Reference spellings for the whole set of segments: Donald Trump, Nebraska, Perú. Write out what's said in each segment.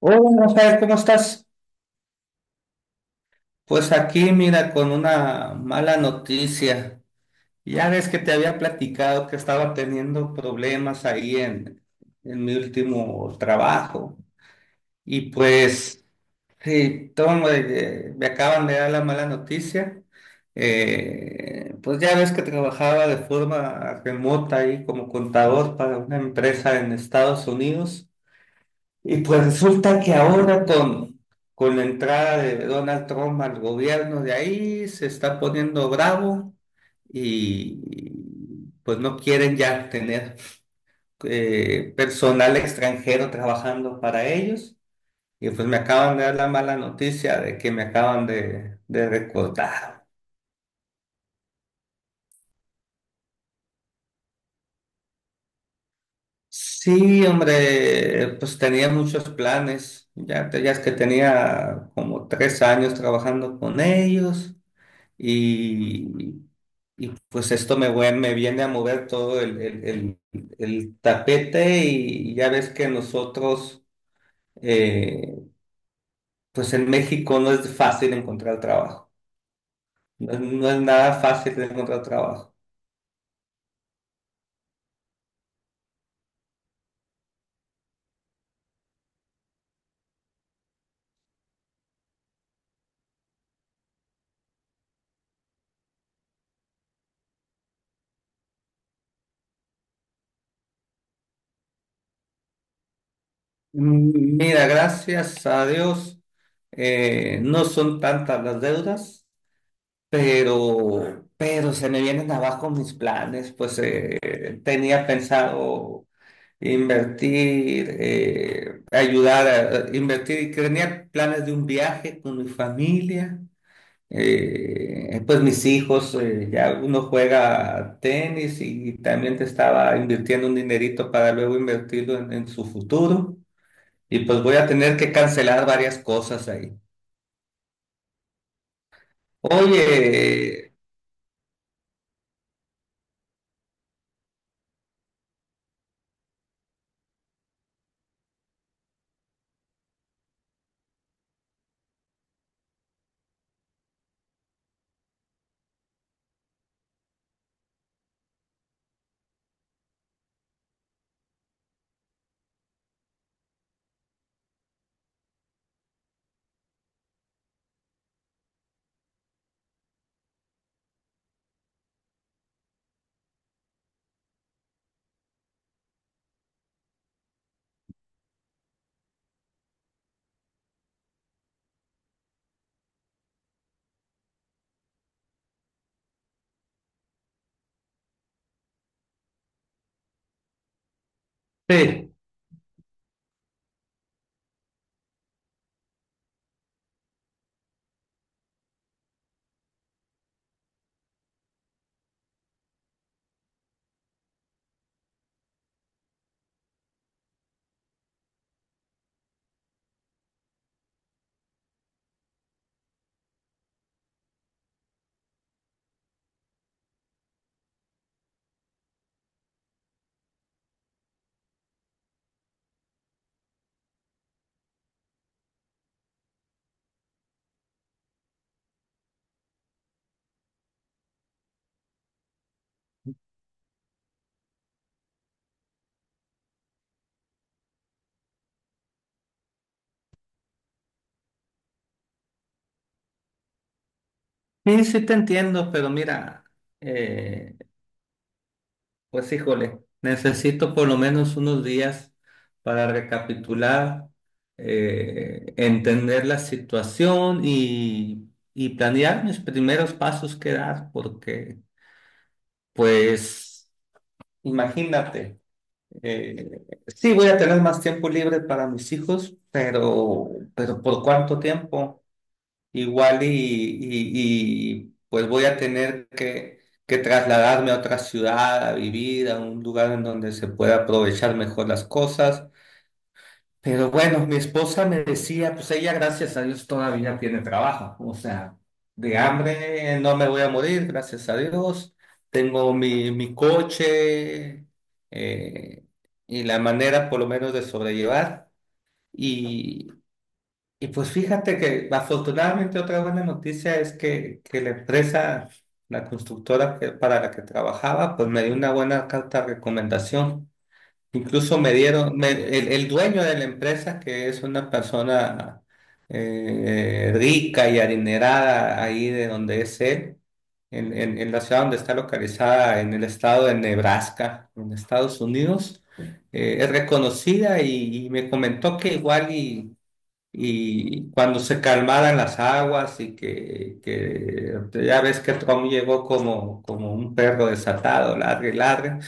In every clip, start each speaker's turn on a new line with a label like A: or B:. A: Hola, Rafael, ¿cómo estás? Pues aquí, mira, con una mala noticia. Ya ves que te había platicado que estaba teniendo problemas ahí en mi último trabajo. Y pues, sí, toma, me acaban de dar la mala noticia. Pues ya ves que trabajaba de forma remota ahí como contador para una empresa en Estados Unidos. Y pues resulta que ahora con la entrada de Donald Trump al gobierno de ahí se está poniendo bravo y pues no quieren ya tener personal extranjero trabajando para ellos. Y pues me acaban de dar la mala noticia de que me acaban de recortar. Sí, hombre, pues tenía muchos planes. Ya, ya es que tenía como tres años trabajando con ellos. y, pues esto me viene a mover todo el tapete y ya ves que nosotros, eh, pues en México no es fácil encontrar trabajo, no es nada fácil encontrar trabajo. Mira, gracias a Dios, no son tantas las deudas. Pero se me vienen abajo mis planes, pues tenía pensado invertir, ayudar a invertir y crear planes de un viaje con mi familia. Pues mis hijos, ya uno juega tenis y también te estaba invirtiendo un dinerito para luego invertirlo en su futuro. Y pues voy a tener que cancelar varias cosas ahí. Oye, sí, sí, sí te entiendo, pero mira, eh, pues híjole, necesito por lo menos unos días para recapitular, entender la situación y planear mis primeros pasos que dar, porque pues imagínate, sí voy a tener más tiempo libre para mis hijos, pero ¿por cuánto tiempo? Igual pues voy a tener que trasladarme a otra ciudad, a vivir, a un lugar en donde se pueda aprovechar mejor las cosas. Pero bueno, mi esposa me decía, pues ella gracias a Dios todavía tiene trabajo. O sea, de hambre no me voy a morir, gracias a Dios. Tengo mi coche eh, y la manera por lo menos de sobrellevar. Y pues fíjate que afortunadamente otra buena noticia es que la empresa, la constructora para la que trabajaba, pues me dio una buena carta de recomendación. Incluso me dieron, el, dueño de la empresa, que es una persona rica y adinerada ahí de donde es él, en la ciudad donde está localizada, en el estado de Nebraska, en Estados Unidos, es reconocida y me comentó que igual y cuando se calmaran las aguas y que ya ves que Trump llegó como, como un perro desatado, ladre y ladre,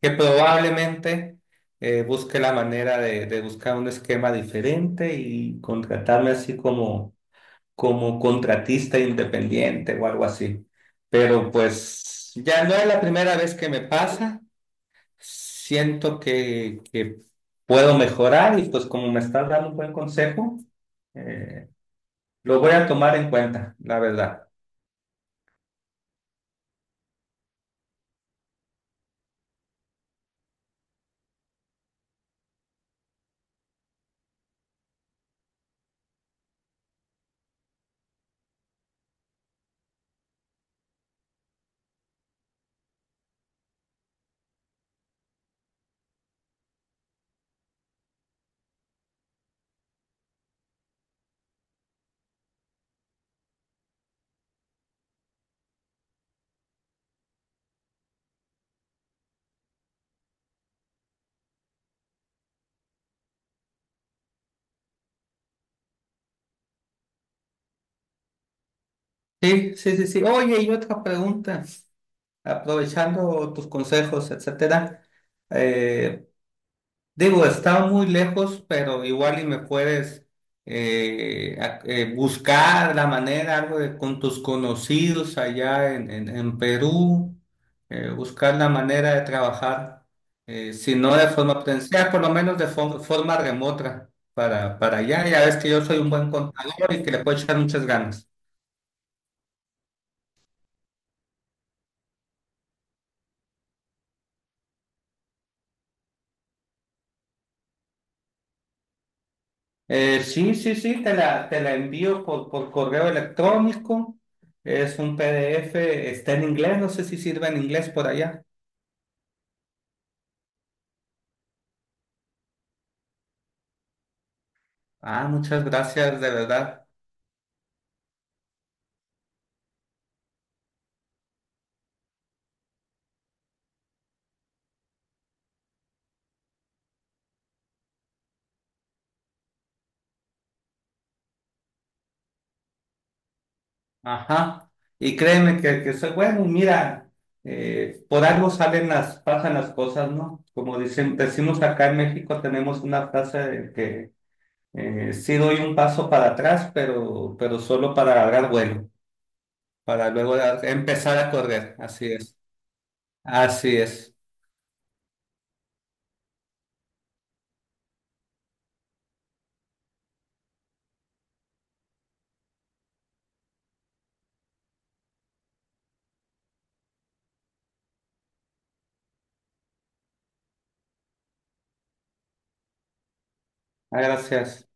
A: que probablemente busque la manera de buscar un esquema diferente y contratarme así como, como contratista independiente o algo así. Pero pues ya no es la primera vez que me pasa, siento que puedo mejorar y pues como me estás dando un buen consejo. Eh, lo voy a tomar en cuenta, la verdad. Sí, sí, sí, sí. Oye, y otra pregunta, aprovechando tus consejos, etcétera. eh, Digo, está muy lejos, pero igual y me puedes buscar la manera, algo de, con tus conocidos allá en Perú, buscar la manera de trabajar, si no de forma presencial, por lo menos de forma remota para allá. Ya ves que yo soy un buen contador y que le puedo echar muchas ganas. Sí, sí, sí, te la envío por correo electrónico. Es un PDF, está en inglés, no sé si sirve en inglés por allá. Ah, muchas gracias, de verdad. Ajá. Y créeme que soy bueno, mira, por algo salen las, pasan las cosas, ¿no? Como dicen, decimos acá en México, tenemos una frase de que sí doy un paso para atrás, pero solo para agarrar vuelo, para luego empezar a correr. Así es. Así es. Ah, gracias.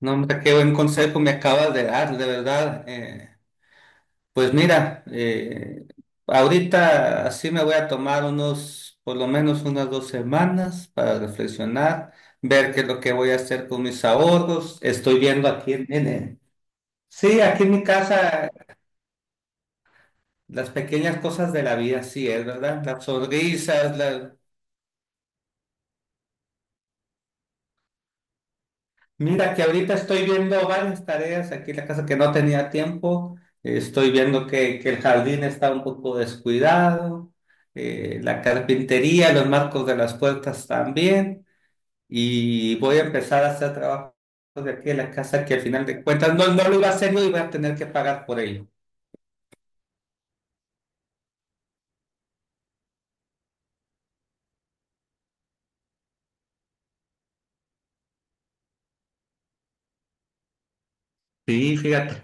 A: No, hombre, qué buen consejo me acabas de dar, de verdad. Pues mira, ahorita así me voy a tomar unos, por lo menos unas dos semanas para reflexionar, ver qué es lo que voy a hacer con mis ahorros. Estoy viendo aquí sí, aquí en mi casa las pequeñas cosas de la vida, sí, es verdad, las sonrisas, las, mira que ahorita estoy viendo varias tareas aquí en la casa que no tenía tiempo. Estoy viendo que el jardín está un poco descuidado, la carpintería, los marcos de las puertas también. Y voy a empezar a hacer trabajos de aquí en la casa que al final de cuentas no, no lo iba a hacer yo y voy a tener que pagar por ello. Sí, fíjate.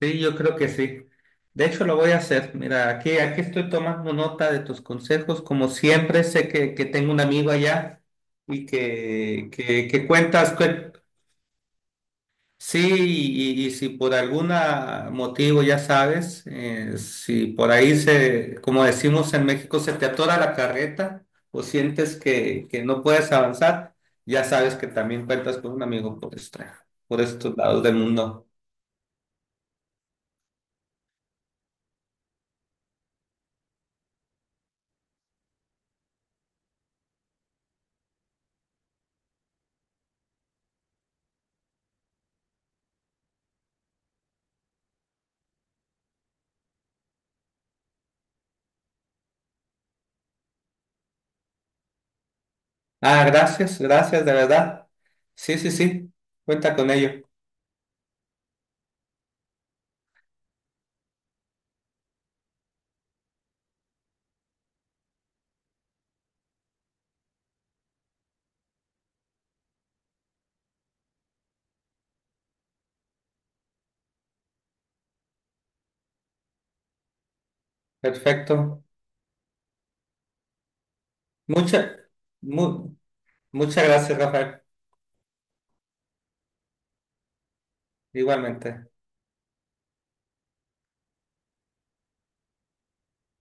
A: Sí, yo creo que sí. De hecho, lo voy a hacer. Mira, aquí, aquí estoy tomando nota de tus consejos. Como siempre, sé que tengo un amigo allá y que cuentas. Sí, y si por algún motivo, ya sabes, si por ahí se, como decimos en México, se te atora la carreta o sientes que no puedes avanzar, ya sabes que también cuentas con un amigo por estos lados del mundo. Ah, gracias, gracias, de verdad. Sí, sí, sí, cuenta con ello. Perfecto. Mucha, mu- muchas gracias, Rafael. Igualmente.